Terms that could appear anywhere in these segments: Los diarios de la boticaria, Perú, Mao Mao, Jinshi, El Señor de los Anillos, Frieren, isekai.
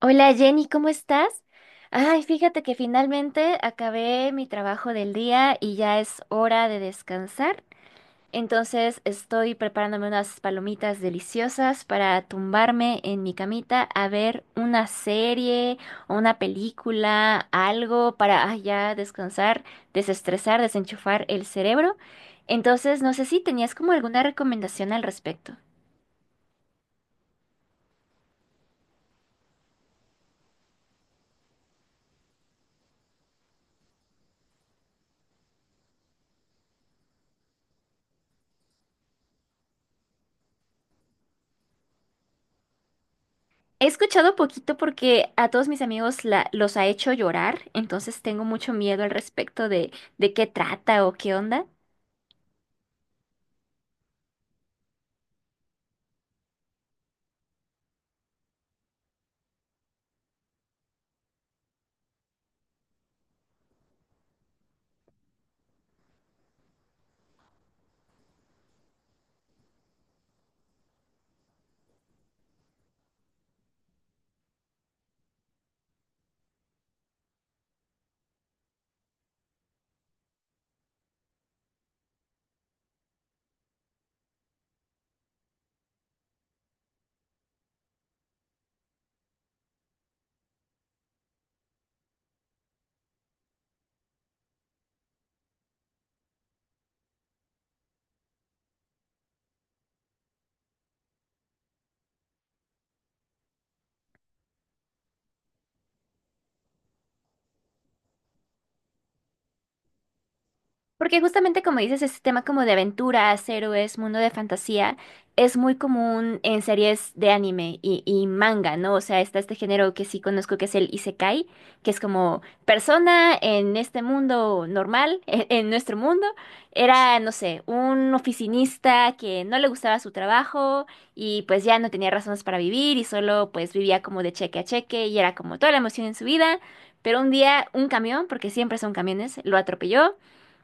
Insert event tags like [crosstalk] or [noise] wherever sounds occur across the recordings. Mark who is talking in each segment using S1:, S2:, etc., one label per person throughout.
S1: Hola Jenny, ¿cómo estás? Ay, fíjate que finalmente acabé mi trabajo del día y ya es hora de descansar. Entonces estoy preparándome unas palomitas deliciosas para tumbarme en mi camita a ver una serie o una película, algo para ya descansar, desestresar, desenchufar el cerebro. Entonces, no sé si tenías como alguna recomendación al respecto. He escuchado poquito porque a todos mis amigos los ha hecho llorar, entonces tengo mucho miedo al respecto de qué trata o qué onda. Porque justamente como dices, este tema como de aventuras, héroes, mundo de fantasía, es muy común en series de anime y manga, ¿no? O sea, está este género que sí conozco que es el isekai, que es como persona en este mundo normal, [laughs] en nuestro mundo, era, no sé, un oficinista que no le gustaba su trabajo y pues ya no tenía razones para vivir y solo pues vivía como de cheque a cheque y era como toda la emoción en su vida. Pero un día un camión, porque siempre son camiones, lo atropelló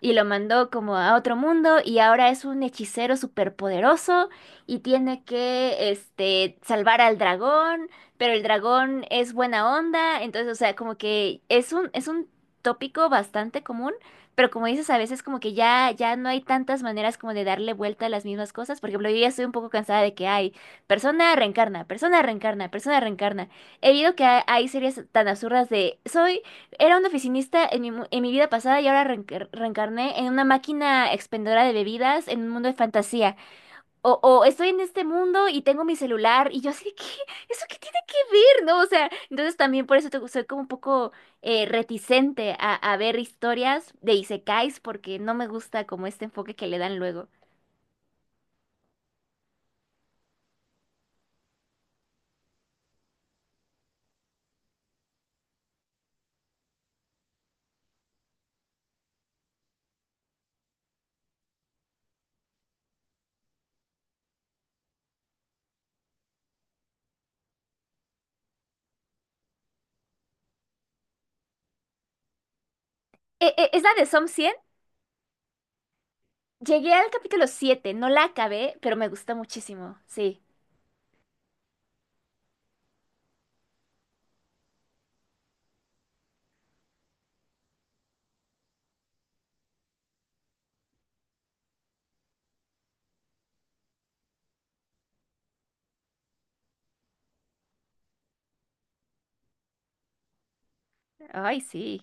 S1: y lo mandó como a otro mundo y ahora es un hechicero superpoderoso y tiene que este salvar al dragón, pero el dragón es buena onda, entonces, o sea, como que es un tópico bastante común, pero como dices, a veces como que ya no hay tantas maneras como de darle vuelta a las mismas cosas, por ejemplo, yo ya estoy un poco cansada de que hay persona reencarna, persona reencarna, persona reencarna. He oído que hay series tan absurdas de soy era un oficinista en en mi vida pasada y ahora reencarné en una máquina expendedora de bebidas en un mundo de fantasía. O estoy en este mundo y tengo mi celular y yo así de, ¿qué? ¿Eso qué tiene que ver? ¿No? O sea, entonces también por eso soy como un poco reticente a ver historias de isekais porque no me gusta como este enfoque que le dan luego. ¿Es la de Som 100? Llegué al capítulo siete, no la acabé, pero me gusta muchísimo. Sí. Ay, sí.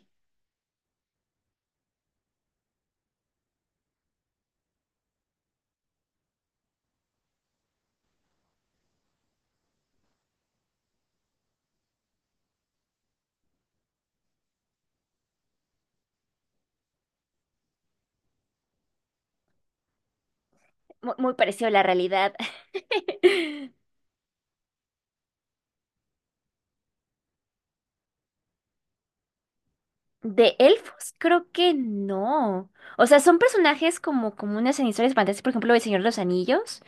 S1: Muy parecido a la realidad. [laughs] De elfos, creo que no. O sea, son personajes como comunes en historias fantásticas, por ejemplo, El Señor de los Anillos.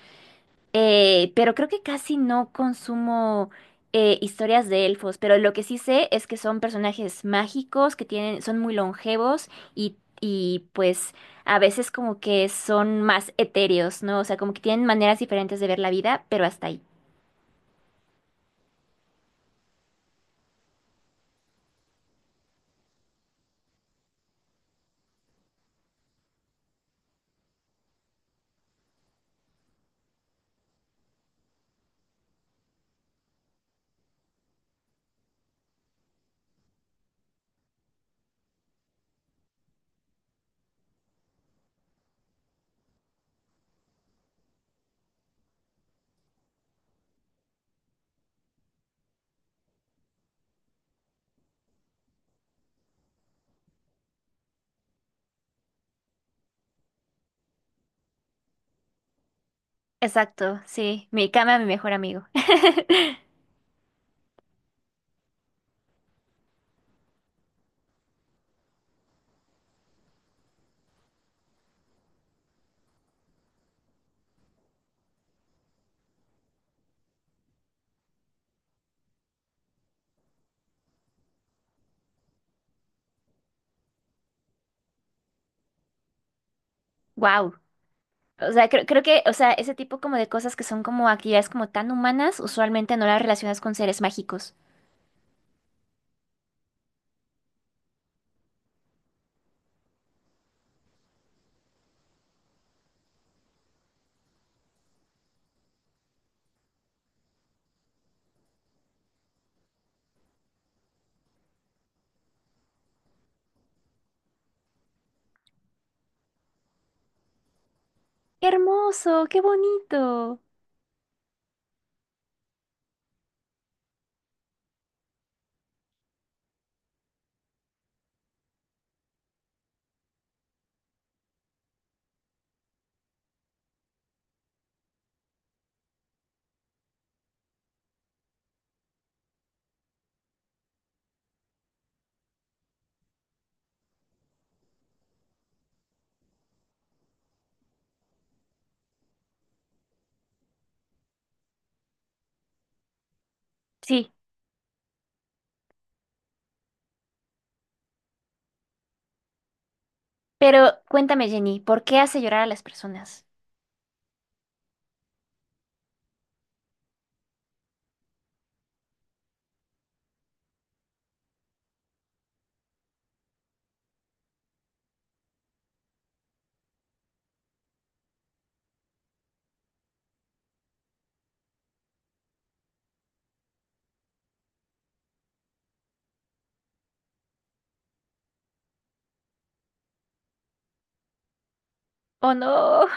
S1: Pero creo que casi no consumo historias de elfos. Pero lo que sí sé es que son personajes mágicos, que tienen, son muy longevos y pues a veces como que son más etéreos, ¿no? O sea, como que tienen maneras diferentes de ver la vida, pero hasta ahí. Exacto, sí. Mi cama, mi mejor amigo. [laughs] Wow. O sea, creo, creo que, o sea, ese tipo como de cosas que son como actividades como tan humanas, usualmente no las relacionas con seres mágicos. ¡Qué hermoso! ¡Qué bonito! Sí, pero cuéntame, Jenny, ¿por qué hace llorar a las personas? ¡Oh, no!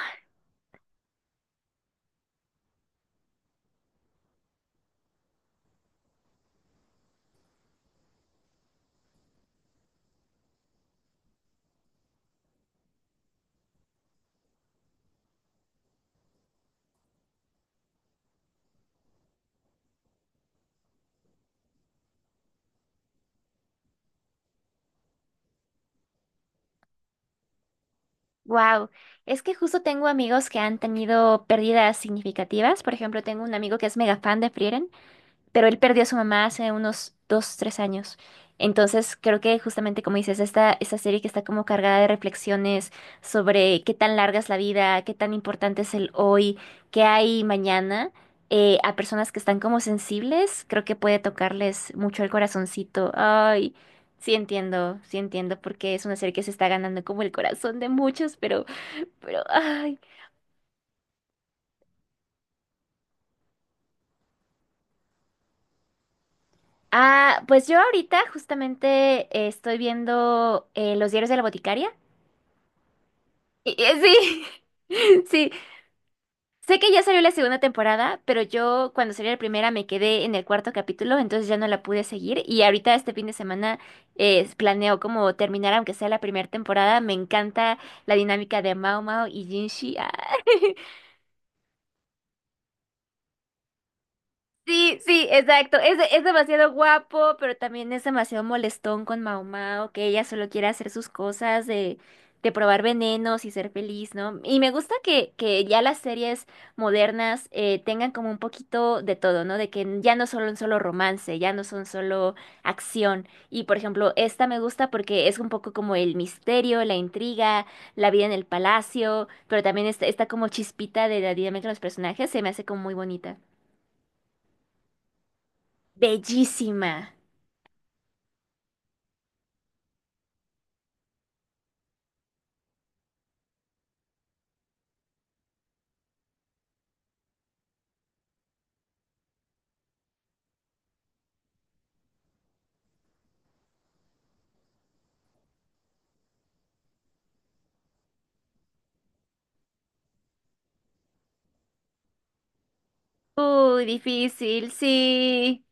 S1: ¡Wow! Es que justo tengo amigos que han tenido pérdidas significativas. Por ejemplo, tengo un amigo que es mega fan de Frieren. Pero él perdió a su mamá hace unos dos, tres años. Entonces, creo que justamente como dices, esta serie que está como cargada de reflexiones sobre qué tan larga es la vida, qué tan importante es el hoy, qué hay mañana, a personas que están como sensibles, creo que puede tocarles mucho el corazoncito. Ay, sí entiendo, porque es una serie que se está ganando como el corazón de muchos, pero, ay. Ah, pues yo ahorita justamente estoy viendo Los diarios de la boticaria. Sí, [laughs] sí. Sé que ya salió la segunda temporada, pero yo cuando salió la primera me quedé en el cuarto capítulo, entonces ya no la pude seguir. Y ahorita este fin de semana planeo como terminar, aunque sea la primera temporada. Me encanta la dinámica de Mao Mao y Jinshi. Ah. [laughs] Sí, sí, exacto. Es, es demasiado guapo, pero también es demasiado molestón con Mao Mao, que ella solo quiere hacer sus cosas de probar venenos y ser feliz, ¿no? Y me gusta que ya las series modernas tengan como un poquito de todo, ¿no? De que ya no son solo romance, ya no son solo acción. Y por ejemplo, esta me gusta porque es un poco como el misterio, la intriga, la vida en el palacio, pero también está, está como chispita de la dinámica de los personajes, se me hace como muy bonita. Bellísima. Uy, difícil, sí.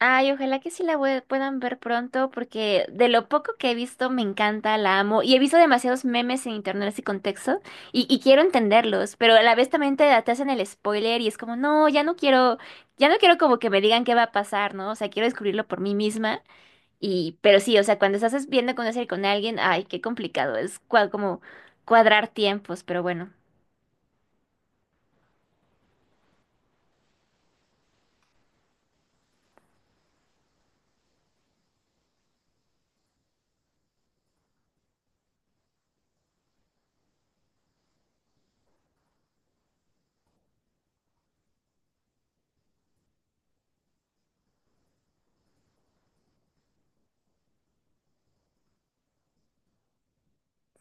S1: Ay, ojalá que sí la puedan ver pronto, porque de lo poco que he visto me encanta, la amo. Y he visto demasiados memes en internet así con texto, y quiero entenderlos, pero a la vez también te hacen el spoiler y es como, no, ya no quiero como que me digan qué va a pasar, ¿no? O sea, quiero descubrirlo por mí misma. Y, pero sí, o sea, cuando estás viendo con serie con alguien, ay, qué complicado, es como cuadrar tiempos, pero bueno.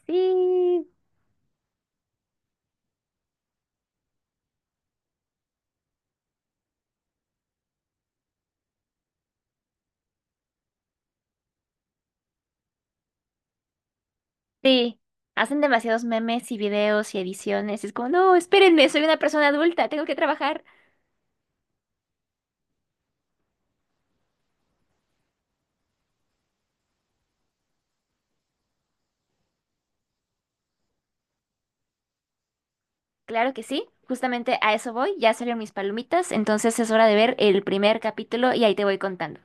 S1: Sí. Sí, hacen demasiados memes y videos y ediciones. Es como, no, espérenme, soy una persona adulta, tengo que trabajar. Claro que sí, justamente a eso voy. Ya salieron mis palomitas, entonces es hora de ver el primer capítulo y ahí te voy contando.